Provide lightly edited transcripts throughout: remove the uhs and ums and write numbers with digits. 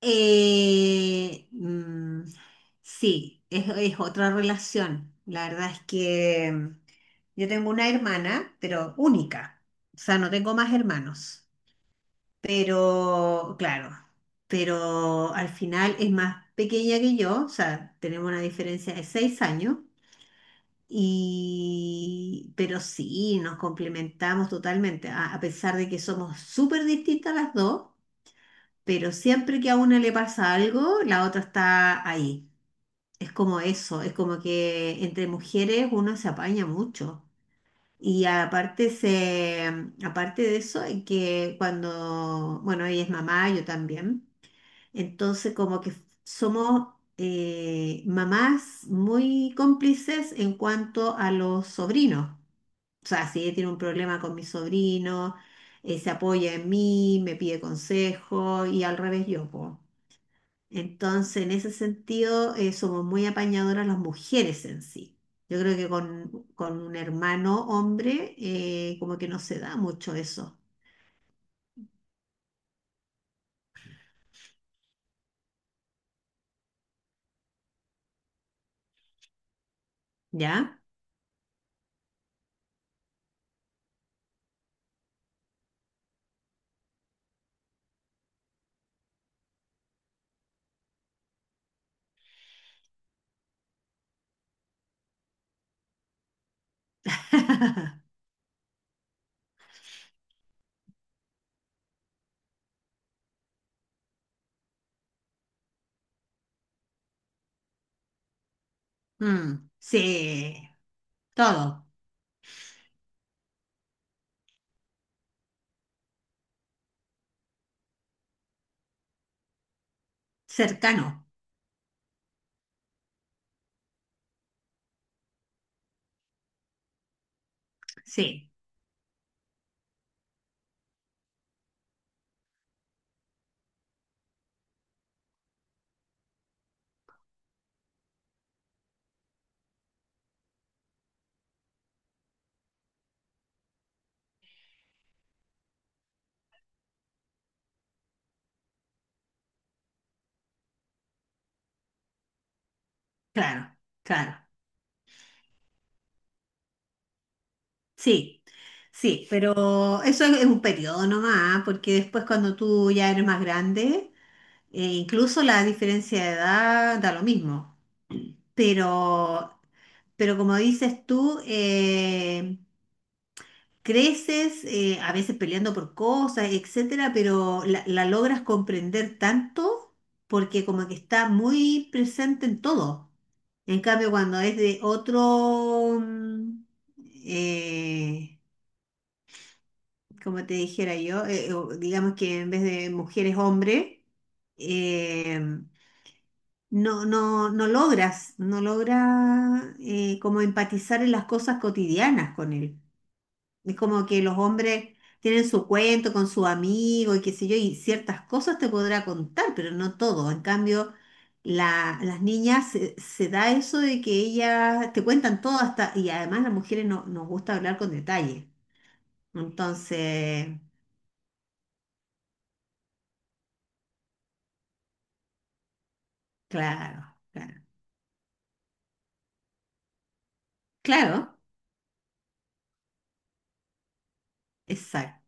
Eh, mm, sí, es otra relación. La verdad es que yo tengo una hermana, pero única. O sea, no tengo más hermanos. Pero, claro, pero al final es más pequeña que yo. O sea, tenemos una diferencia de 6 años. Y, pero sí, nos complementamos totalmente. A pesar de que somos súper distintas las dos, pero siempre que a una le pasa algo, la otra está ahí. Es como eso, es como que entre mujeres uno se apaña mucho. Y aparte, aparte de eso, es que cuando, bueno, ella es mamá, yo también, entonces como que somos mamás muy cómplices en cuanto a los sobrinos. O sea, si ella tiene un problema con mi sobrino, se apoya en mí, me pide consejo y al revés yo, po. Entonces, en ese sentido, somos muy apañadoras las mujeres en sí. Yo creo que con un hermano hombre, como que no se da mucho eso, ¿ya? Mm, sí, todo, cercano, sí, claro, claro, sí, sí, pero eso es un periodo nomás, ¿ah? Porque después cuando tú ya eres más grande, incluso la diferencia de edad da lo mismo, pero Pero como dices tú, creces a veces peleando por cosas, etcétera, pero la logras comprender tanto porque como que está muy presente en todo. En cambio, cuando es de otro, eh, como te dijera yo, o digamos que en vez de mujeres, hombre, eh, no, no, no logras como empatizar en las cosas cotidianas con él. Es como que los hombres tienen su cuento con su amigo y qué sé yo, y ciertas cosas te podrá contar, pero no todo. En cambio, las niñas se da eso de que ellas te cuentan todo hasta, y además las mujeres no, nos gusta hablar con detalle. Entonces, claro, claro, claro, exacto,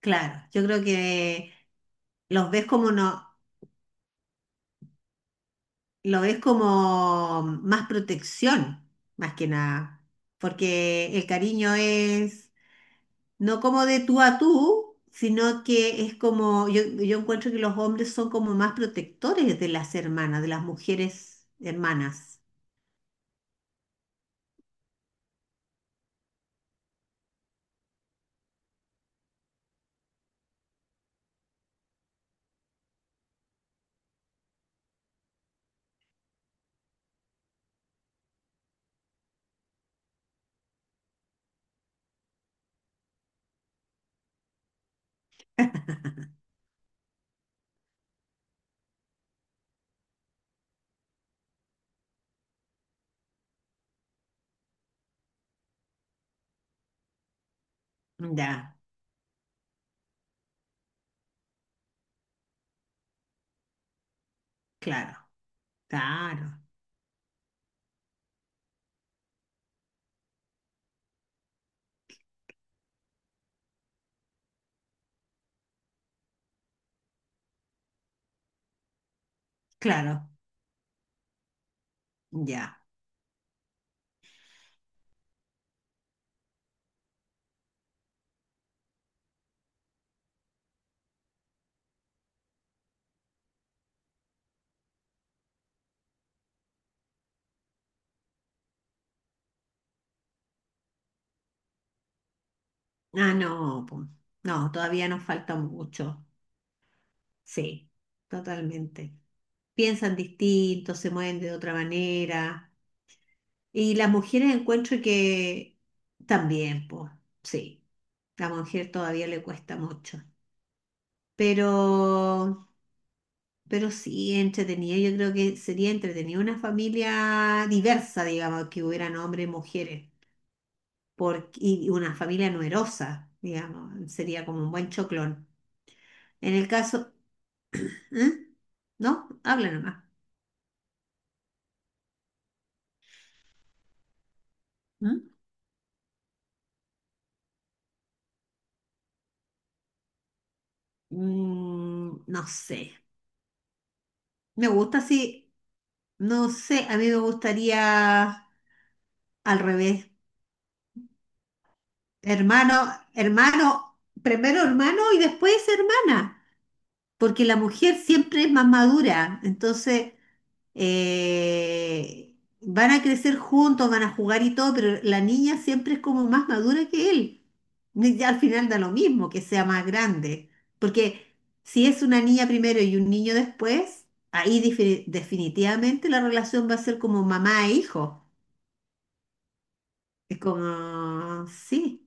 claro. Yo creo que los ves como no, lo ves como más protección, más que nada, porque el cariño es no como de tú a tú, sino que es como, yo encuentro que los hombres son como más protectores de las hermanas, de las mujeres hermanas. Ya, claro, claro, claro, ya. Ah, no, po. No, todavía nos falta mucho. Sí, totalmente. Piensan distinto, se mueven de otra manera. Y las mujeres encuentro que también, pues, sí, la mujer todavía le cuesta mucho. Pero, pero sí, entretenido. Yo creo que sería entretenido una familia diversa, digamos, que hubieran hombres y mujeres, y una familia numerosa, digamos, sería como un buen choclón. En el caso, ¿eh? ¿No? Habla nomás. ¿Mm? Mm, no sé. Me gusta así. No sé, a mí me gustaría al revés. Hermano, hermano, primero hermano y después hermana. Porque la mujer siempre es más madura, entonces van a crecer juntos, van a jugar y todo, pero la niña siempre es como más madura que él. Y ya al final da lo mismo que sea más grande, porque si es una niña primero y un niño después, ahí definitivamente la relación va a ser como mamá e hijo. Es como, sí.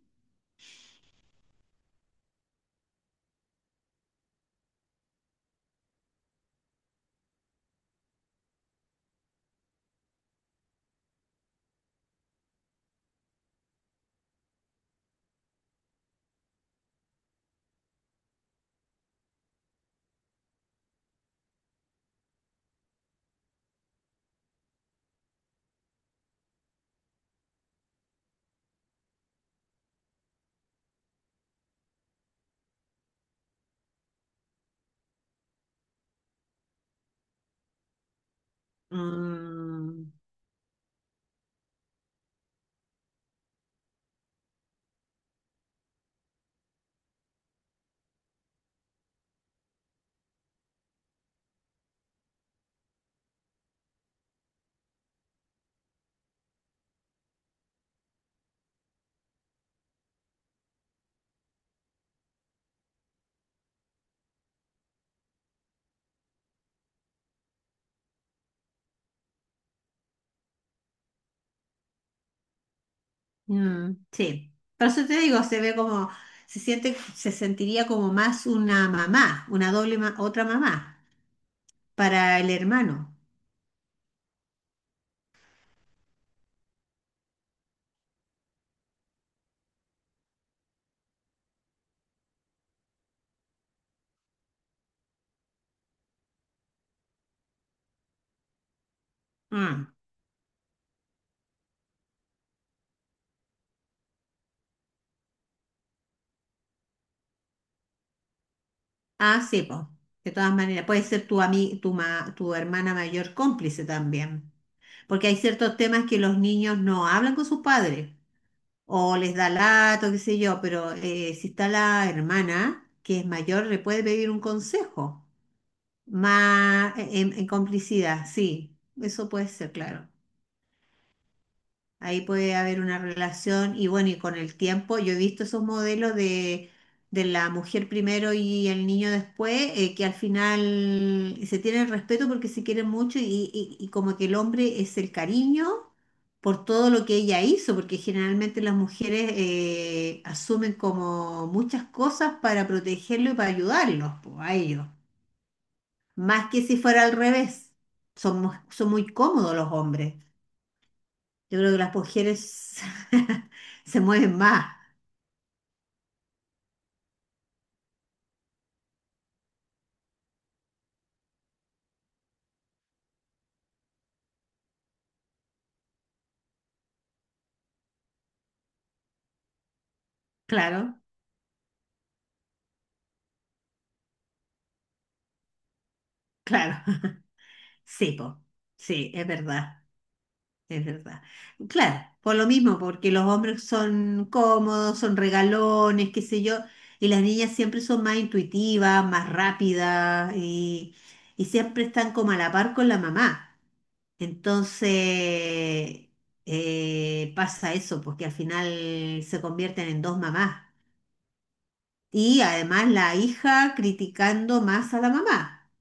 mm, Mm, sí, por eso te digo, se siente, se sentiría como más una mamá, una doble, otra mamá para el hermano. Mm. Ah, sí, pues, de todas maneras, puede ser tu, ami- tu, ma- tu hermana mayor cómplice también, porque hay ciertos temas que los niños no hablan con sus padres, o les da lato, qué sé yo, pero si está la hermana, que es mayor, le puede pedir un consejo, más en complicidad, sí, eso puede ser, claro. Ahí puede haber una relación y bueno, y con el tiempo, yo he visto esos modelos de, la mujer primero y el niño después, que al final se tienen respeto porque se quieren mucho y como que el hombre es el cariño por todo lo que ella hizo, porque generalmente las mujeres asumen como muchas cosas para protegerlo y para ayudarlos, po, a ellos, más que si fuera al revés, son muy cómodos los hombres. Yo creo que las mujeres se mueven más, claro, claro. Sí, po. Sí, es verdad, es verdad. Claro, por lo mismo, porque los hombres son cómodos, son regalones, qué sé yo, y las niñas siempre son más intuitivas, más rápidas y, siempre están como a la par con la mamá. Entonces, pasa eso, porque al final se convierten en dos mamás. Y además la hija criticando más a la mamá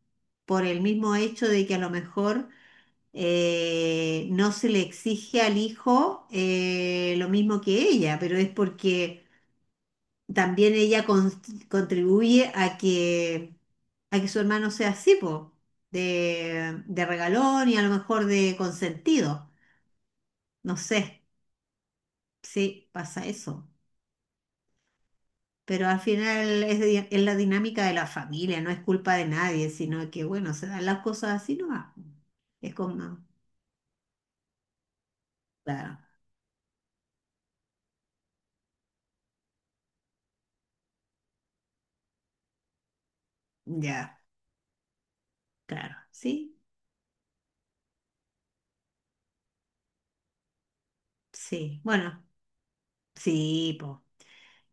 por el mismo hecho de que a lo mejor no se le exige al hijo lo mismo que ella, pero es porque también ella contribuye a que, su hermano sea así, po, de regalón y a lo mejor de consentido. No sé, sí, pasa eso. Pero al final es, es la dinámica de la familia, no es culpa de nadie, sino que, bueno, se dan las cosas así, ¿no? Ah, es como, claro, ya, claro, sí, sí, bueno, sí, po.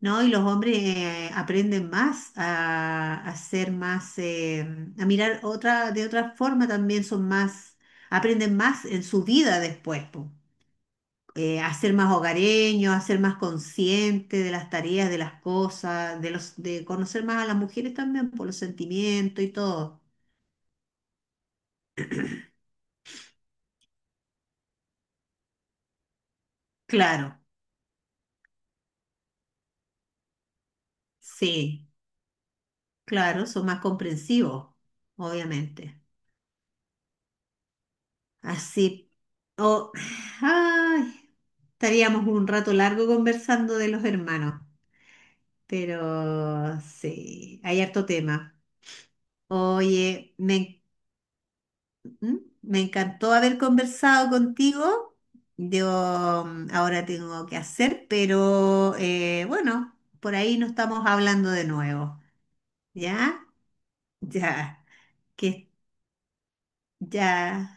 No, y los hombres aprenden más a ser más, a mirar otra, de otra forma también son más, aprenden más en su vida después, po. A ser más hogareño, a ser más consciente de las tareas, de las cosas, de conocer más a las mujeres también por los sentimientos y todo. Claro, sí, claro, son más comprensivos, obviamente. Así, oh, ay, estaríamos un rato largo conversando de los hermanos, pero sí, hay harto tema. Oye, me ¿Mm? Me encantó haber conversado contigo. Yo ahora tengo que hacer, pero bueno, por ahí nos estamos hablando de nuevo. ¿Ya? Ya. Que ya.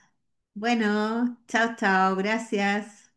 Bueno, chao, chao. Gracias.